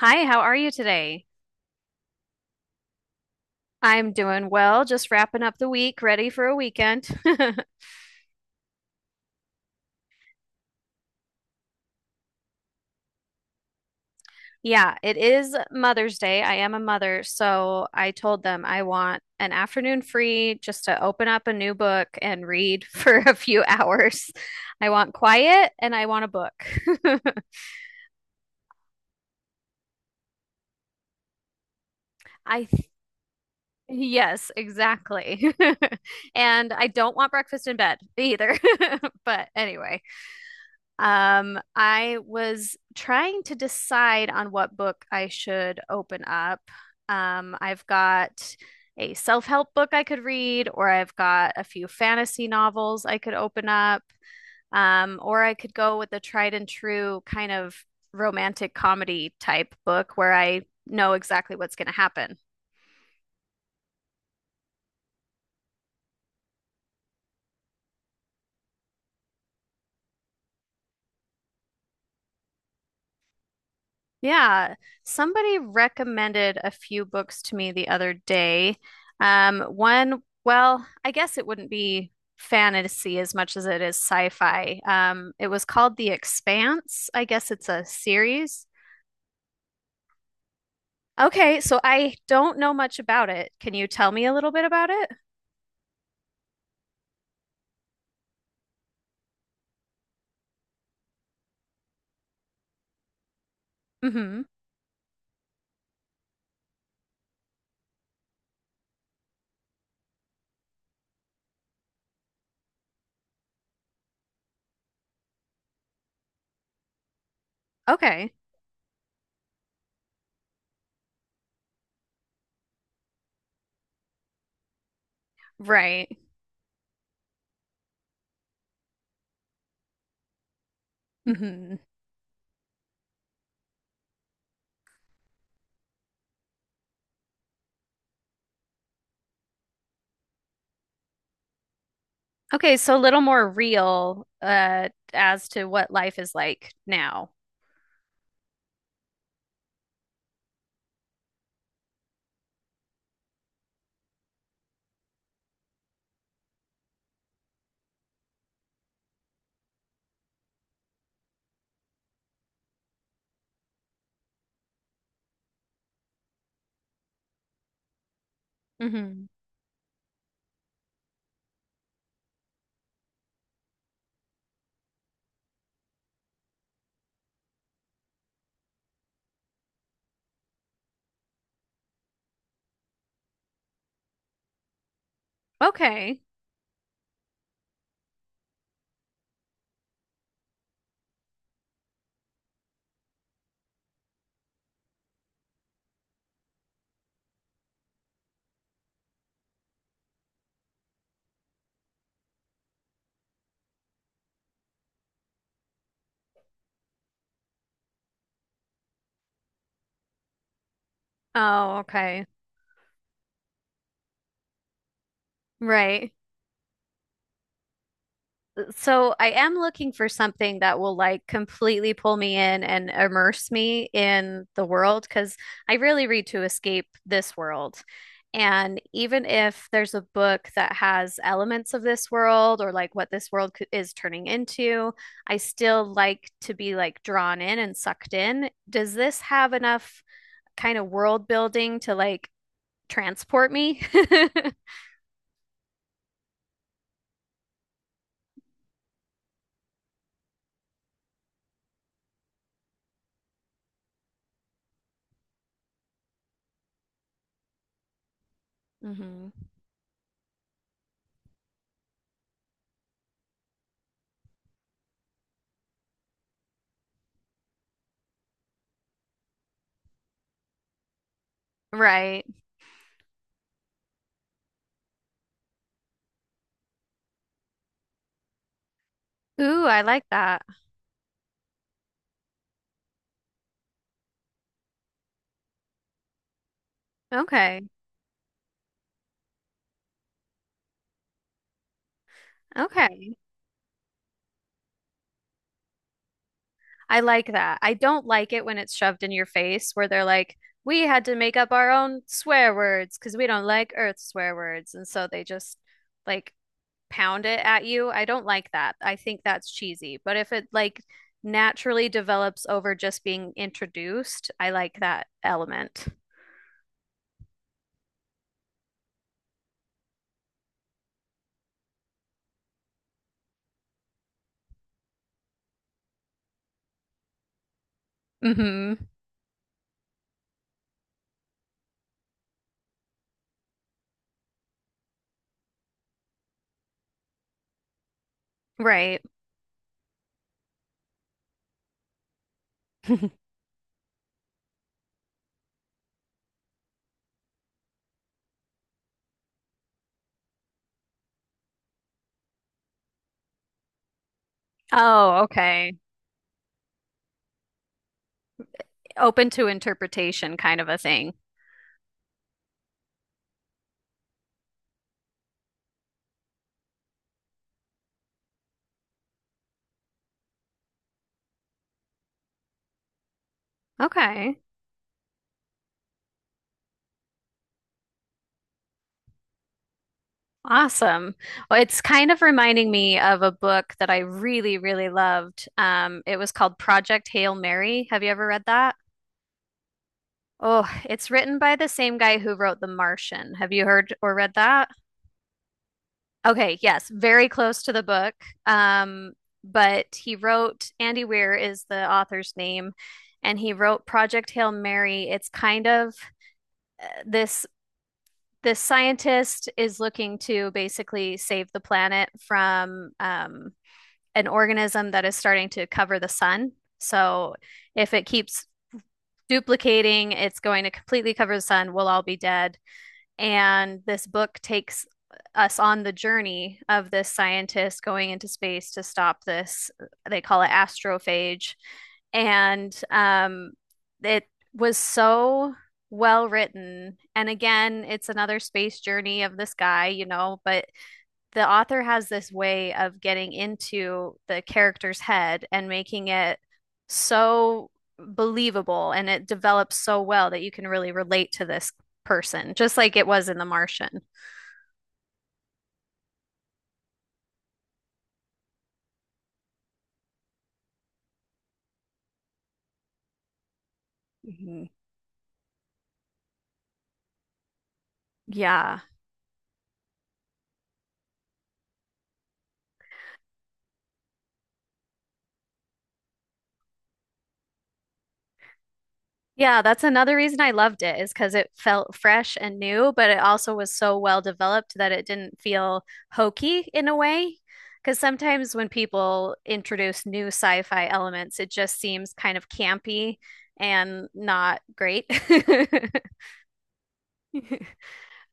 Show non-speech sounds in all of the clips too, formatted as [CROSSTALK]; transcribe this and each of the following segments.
Hi, how are you today? I'm doing well, just wrapping up the week, ready for a weekend. [LAUGHS] Yeah, it is Mother's Day. I am a mother, so I told them I want an afternoon free just to open up a new book and read [LAUGHS] for a few hours. I want quiet and I want a book. [LAUGHS] I th- yes, exactly. [LAUGHS] And I don't want breakfast in bed either. [LAUGHS] But anyway. I was trying to decide on what book I should open up. I've got a self-help book I could read, or I've got a few fantasy novels I could open up, or I could go with the tried and true kind of romantic comedy type book where I know exactly what's going to happen. Yeah, somebody recommended a few books to me the other day. One, well, I guess it wouldn't be fantasy as much as it is sci-fi. It was called The Expanse. I guess it's a series. Okay, so I don't know much about it. Can you tell me a little bit about it? Mm-hmm. Okay. Right. Mm-hmm. Okay, so a little more real as to what life is like now. Mm-hmm. Okay. Oh, okay. Right. So I am looking for something that will like completely pull me in and immerse me in the world because I really read to escape this world. And even if there's a book that has elements of this world or like what this world is turning into, I still like to be like drawn in and sucked in. Does this have enough kind of world building to like transport me? [LAUGHS] Hmm. Right. Ooh, I like that. Okay. Okay. I like that. I don't like it when it's shoved in your face where they're like, we had to make up our own swear words because we don't like Earth swear words. And so they just like pound it at you, I don't like that. I think that's cheesy. But if it like naturally develops over just being introduced, I like that element. Hmm. Right. [LAUGHS] Oh, okay. Open to interpretation kind of a thing. Okay. Awesome. Well, it's kind of reminding me of a book that I really, really loved. It was called Project Hail Mary. Have you ever read that? Oh, it's written by the same guy who wrote The Martian. Have you heard or read that? Okay, yes, very close to the book. Um, but he wrote, Andy Weir is the author's name, and he wrote Project Hail Mary. It's kind of this this scientist is looking to basically save the planet from an organism that is starting to cover the sun. So if it keeps duplicating, it's going to completely cover the sun. We'll all be dead. And this book takes us on the journey of this scientist going into space to stop this. They call it astrophage. And it was so well written. And again, it's another space journey of this guy, you know, but the author has this way of getting into the character's head and making it so believable and it develops so well that you can really relate to this person, just like it was in The Martian. Mhm. Yeah. Yeah, that's another reason I loved it is because it felt fresh and new, but it also was so well developed that it didn't feel hokey in a way. Because sometimes when people introduce new sci-fi elements, it just seems kind of campy and not great. [LAUGHS]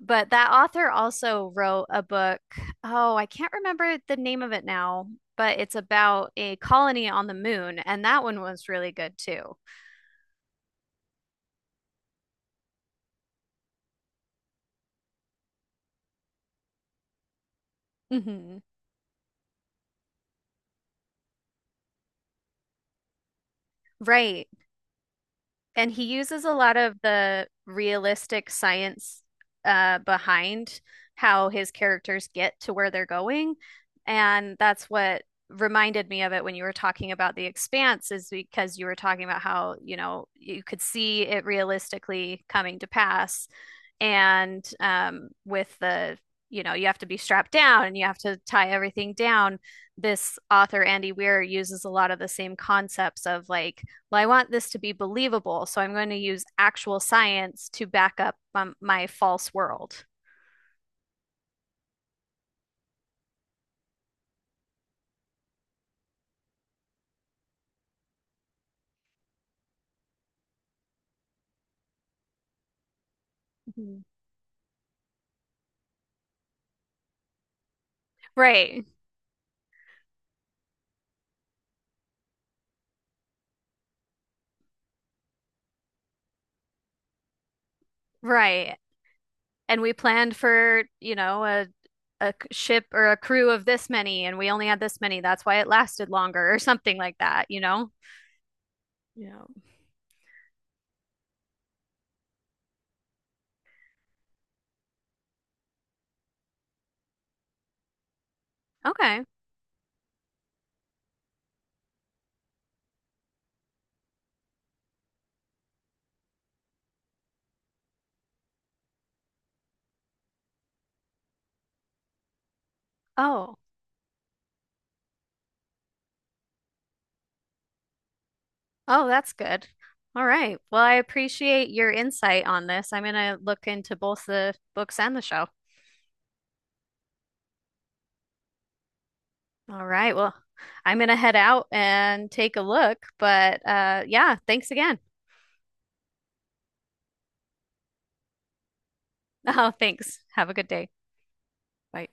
But that author also wrote a book. Oh, I can't remember the name of it now, but it's about a colony on the moon, and that one was really good too. Hmm. Right. And he uses a lot of the realistic science behind how his characters get to where they're going. And that's what reminded me of it when you were talking about The Expanse, is because you were talking about how, you know, you could see it realistically coming to pass. And with you know, you have to be strapped down and you have to tie everything down. This author, Andy Weir, uses a lot of the same concepts of like, well, I want this to be believable, so I'm going to use actual science to back up my false world. Mhm. Right, right. And we planned for, you know, a ship or a crew of this many, and we only had this many. That's why it lasted longer, or something like that, you know? Yeah. Okay. Oh, oh, that's good. All right. Well, I appreciate your insight on this. I'm going to look into both the books and the show. All right. Well, I'm gonna head out and take a look, but yeah, thanks again. [LAUGHS] Oh, thanks. Have a good day. Bye.